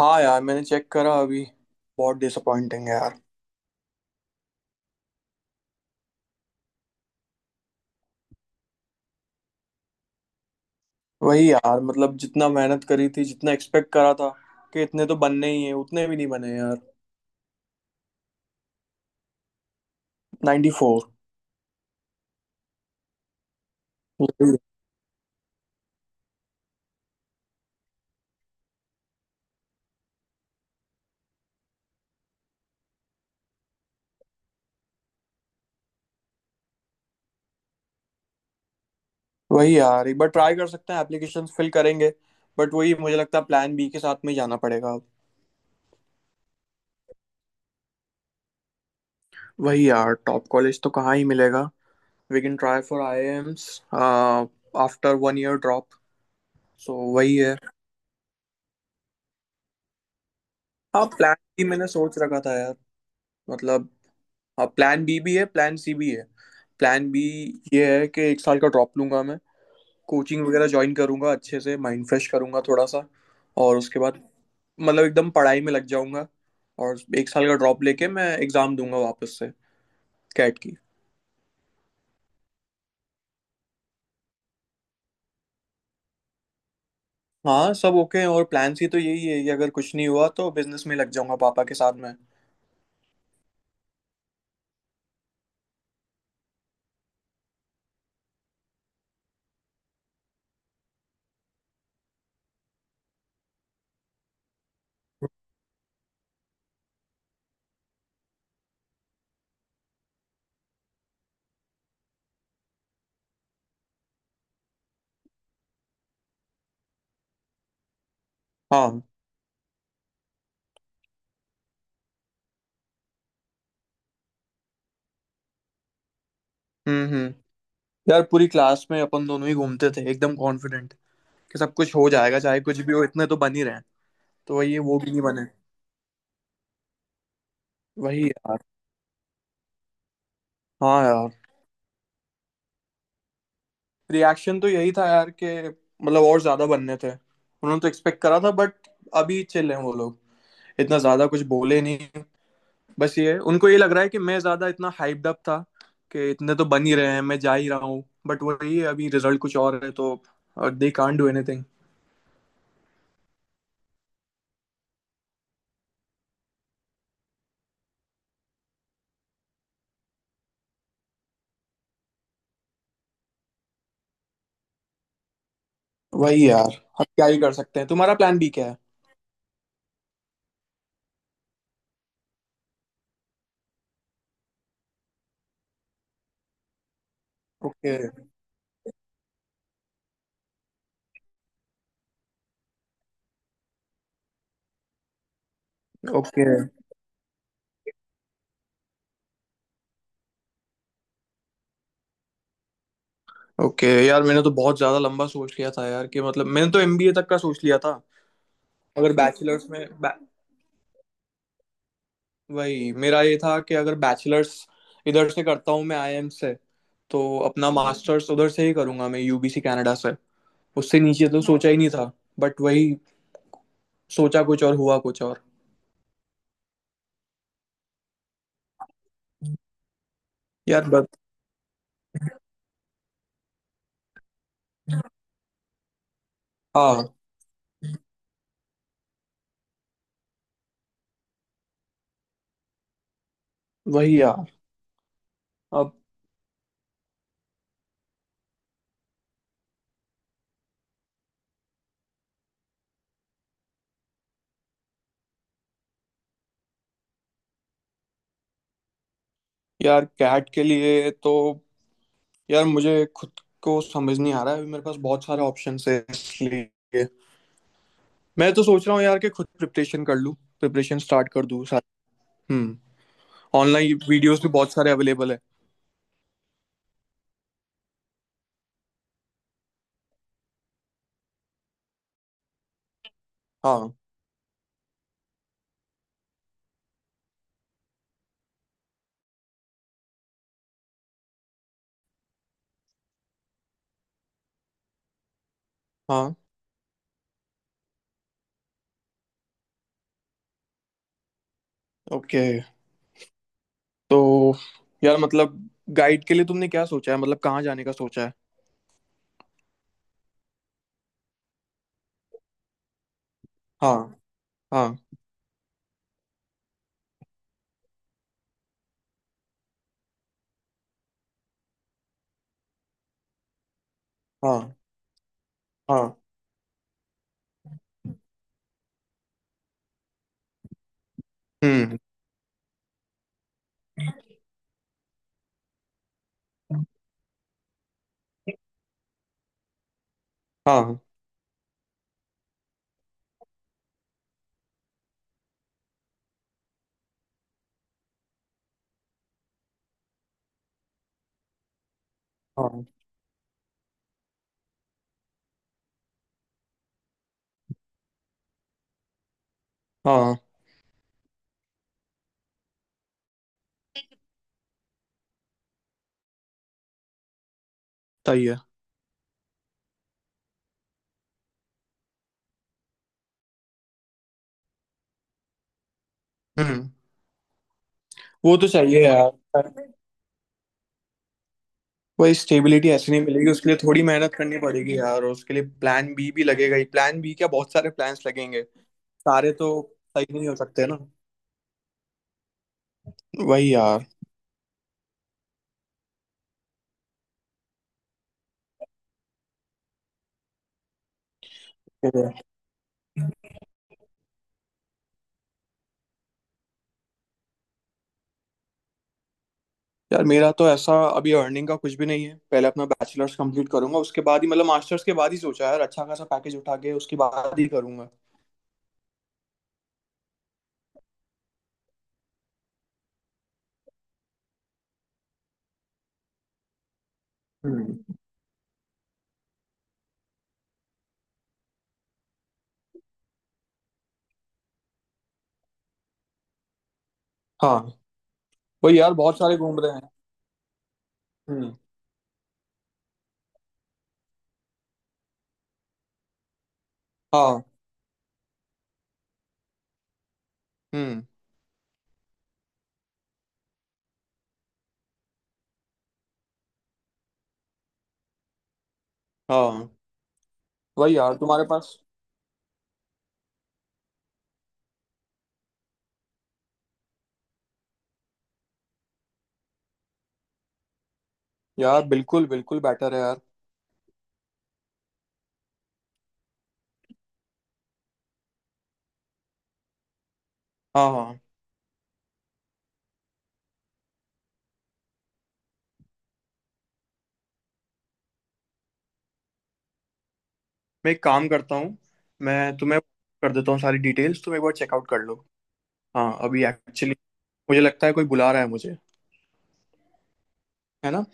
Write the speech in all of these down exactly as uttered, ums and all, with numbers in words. हाँ यार, मैंने चेक करा अभी। बहुत डिसअपॉइंटिंग है यार। वही यार, मतलब जितना मेहनत करी थी, जितना एक्सपेक्ट करा था कि इतने तो बनने ही हैं, उतने भी नहीं बने यार। चौरानवे। वही। वही यार, एक बार ट्राई कर सकते हैं, एप्लीकेशन फिल करेंगे, बट वही, मुझे लगता है प्लान बी के साथ में ही जाना पड़ेगा अब। वही यार, टॉप कॉलेज तो कहाँ ही मिलेगा। We can try for AIIMS after one year drop. So वही है। हाँ, प्लान बी मैंने सोच रखा था यार। मतलब, प्लान बी भी है, प्लान सी भी है। प्लान बी ये है कि एक साल का ड्रॉप लूंगा मैं। कोचिंग वगैरह ज्वाइन करूंगा, अच्छे से माइंड फ्रेश करूंगा थोड़ा सा। और उसके बाद मतलब एकदम पढ़ाई में लग जाऊंगा। और एक साल का ड्रॉप लेके मैं एग्ज़ाम दूंगा वापस से, कैट की। हाँ सब ओके हैं, और प्लान सी तो यही है कि अगर कुछ नहीं हुआ तो बिजनेस में लग जाऊंगा पापा के साथ में। हाँ। हम्म हम्म। यार, पूरी क्लास में अपन दोनों ही घूमते थे एकदम कॉन्फिडेंट कि सब कुछ हो जाएगा, चाहे कुछ भी हो इतने तो बन ही रहे हैं। तो वही है, वो भी नहीं बने। वही यार। हाँ यार, रिएक्शन तो यही था यार कि मतलब और ज्यादा बनने थे, उन्होंने तो एक्सपेक्ट करा था, बट अभी चिल हैं वो लोग। इतना ज्यादा कुछ बोले नहीं। बस ये उनको ये लग रहा है कि मैं ज्यादा इतना हाइप्ड अप था कि इतने तो बन ही रहे हैं, मैं जा ही रहा हूँ, बट वही है, अभी रिजल्ट कुछ और है, तो दे कांट डू एनीथिंग। वही यार, हम क्या ही कर सकते हैं, तुम्हारा प्लान भी क्या है। ओके। ओके। ओके यार, मैंने तो बहुत ज्यादा लंबा सोच लिया था यार कि मतलब मैंने तो एमबीए तक का सोच लिया था। अगर बैचलर्स में, वही, मेरा ये था कि अगर बैचलर्स इधर से करता हूँ मैं आईआईएम से, तो अपना मास्टर्स उधर से ही करूंगा मैं यूबीसी कनाडा से। उससे नीचे तो सोचा ही नहीं था। बट वही, सोचा कुछ और हुआ कुछ और। यार बस। हाँ। वही यार। अब। यार कैट के लिए तो, यार मुझे खुद को समझ नहीं आ रहा है, अभी मेरे पास बहुत सारे ऑप्शन है इसलिए। मैं तो सोच रहा हूँ यार कि खुद प्रिपरेशन कर लूँ, प्रिपरेशन स्टार्ट कर दूँ सारी। हम्म। ऑनलाइन वीडियोस भी बहुत सारे अवेलेबल है। हाँ हाँ। ओके। तो यार मतलब गाइड के लिए तुमने क्या सोचा है, मतलब कहाँ जाने का सोचा है। हाँ। हाँ। हाँ। हाँ। हम्म। हाँ। हाँ। हाँ। सही है। हम्म। वो तो चाहिए यार। वही, स्टेबिलिटी ऐसे नहीं मिलेगी, उसके लिए थोड़ी मेहनत करनी पड़ेगी यार, और उसके लिए प्लान बी भी लगेगा ही, प्लान बी क्या, बहुत सारे प्लान्स लगेंगे। सारे तो सही नहीं हो सकते ना। वही यार, यार मेरा तो ऐसा, अभी अर्निंग का कुछ भी नहीं है, पहले अपना बैचलर्स कंप्लीट करूंगा, उसके बाद ही मतलब मास्टर्स के बाद ही सोचा है यार, अच्छा खासा पैकेज उठा के उसके बाद ही करूंगा। हम्म। हाँ। वही यार, बहुत सारे घूम रहे हैं। हम्म। हाँ। हम्म। हाँ। वही यार तुम्हारे पास। यार बिल्कुल बिल्कुल बेटर है यार। हाँ हाँ। मैं एक काम करता हूँ, मैं तुम्हें कर देता हूँ सारी डिटेल्स, तुम एक बार चेकआउट कर लो। हाँ अभी एक्चुअली मुझे लगता है कोई बुला रहा है मुझे। है ना।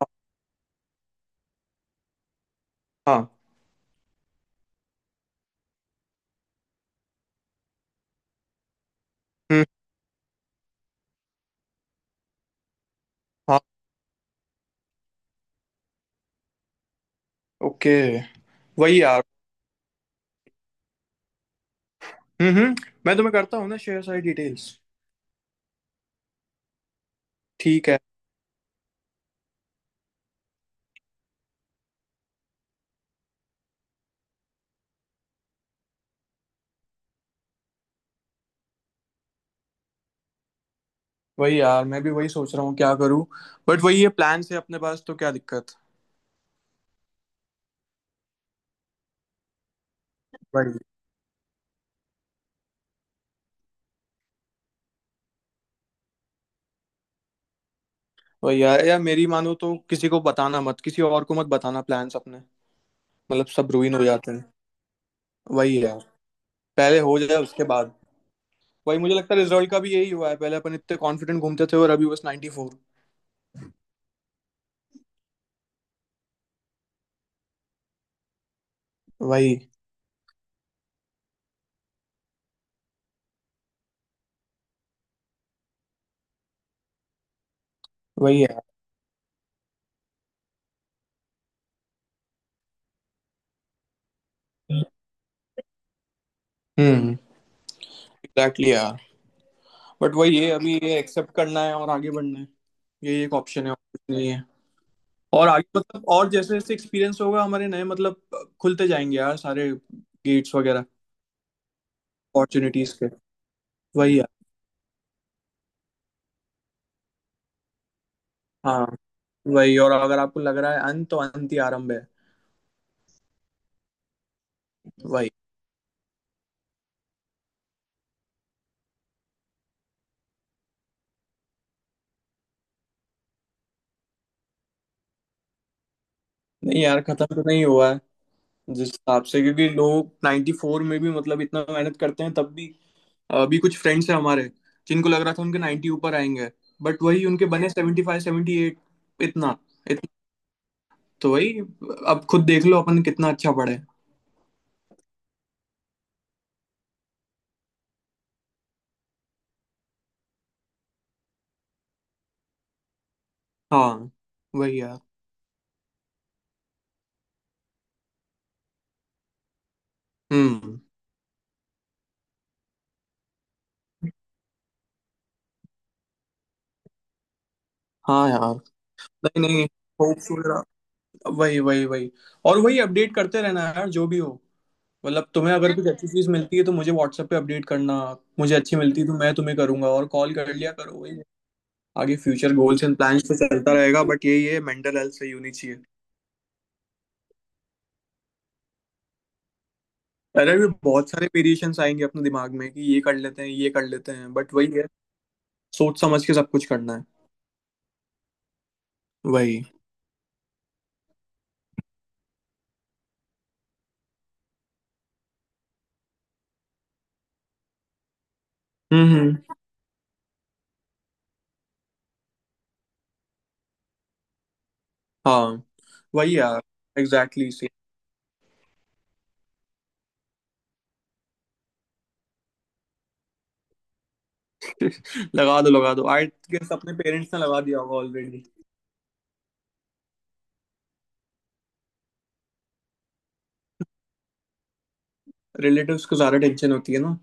हाँ हाँ, हम्म। हाँ। ओके। वही यार। हम्म हम्म, मैं तुम्हें करता हूँ ना शेयर सारी डिटेल्स। ठीक है। वही यार, मैं भी वही सोच रहा हूँ क्या करूँ, बट वही है, प्लान से अपने पास तो क्या दिक्कत। वही। वही यार, यार मेरी मानो तो किसी को बताना मत, किसी और को मत बताना प्लान्स अपने। मतलब सब रुइन हो जाते हैं। वही यार। पहले हो जाए उसके बाद। वही, मुझे लगता है रिजल्ट का भी यही हुआ है, पहले अपन इतने कॉन्फिडेंट घूमते थे और अभी बस चौरानवे। वही। वही यार। हम्म। एग्जैक्टली यार। बट वही है, अभी ये एक्सेप्ट करना है और आगे बढ़ना है। ये एक ऑप्शन है और कुछ नहीं। और आगे मतलब और, जैसे जैसे एक्सपीरियंस होगा, हमारे नए मतलब खुलते जाएंगे यार सारे, गेट्स वगैरह, अपॉर्चुनिटीज के। वही है। हाँ। वही, और अगर आपको लग रहा है अंत, तो अंत ही आरंभ है। वही। नहीं यार, खत्म तो नहीं हुआ है। जिस हिसाब से, क्योंकि लोग चौरानवे में भी मतलब इतना मेहनत करते हैं तब भी। अभी कुछ फ्रेंड्स हैं हमारे जिनको लग रहा था उनके नब्बे ऊपर आएंगे, बट वही उनके बने पचहत्तर अठहत्तर। इतना। इतना। तो वही, अब खुद देख लो अपन कितना अच्छा पढ़े। हाँ। वही यार। हम्म। हाँ यार। नहीं नहीं, होप्स वगैरह। वही वही वही। और वही, अपडेट करते रहना यार, जो भी हो। मतलब तुम्हें अगर कुछ अच्छी चीज मिलती है तो मुझे WhatsApp पे अपडेट करना। मुझे अच्छी मिलती है तो मैं तुम्हें करूंगा, और कॉल कर लिया करो। वही, आगे फ्यूचर गोल्स एंड प्लान्स तो चलता रहेगा, बट ये ये मेंटल हेल्थ सही होनी चाहिए। पहले भी बहुत सारे वेरिएशंस आएंगे अपने दिमाग में कि ये कर लेते हैं, ये कर लेते हैं, बट वही है, सोच समझ के सब कुछ करना है। वही। हम्म। हम्म। हाँ। वही यार। एग्जैक्टली। लगा दो लगा दो, आई गेस अपने पेरेंट्स ने लगा दिया होगा ऑलरेडी। रिलेटिव्स को ज्यादा टेंशन होती है ना।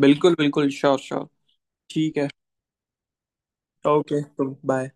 बिल्कुल बिल्कुल, श्योर श्योर। ठीक है। ओके तो बाय।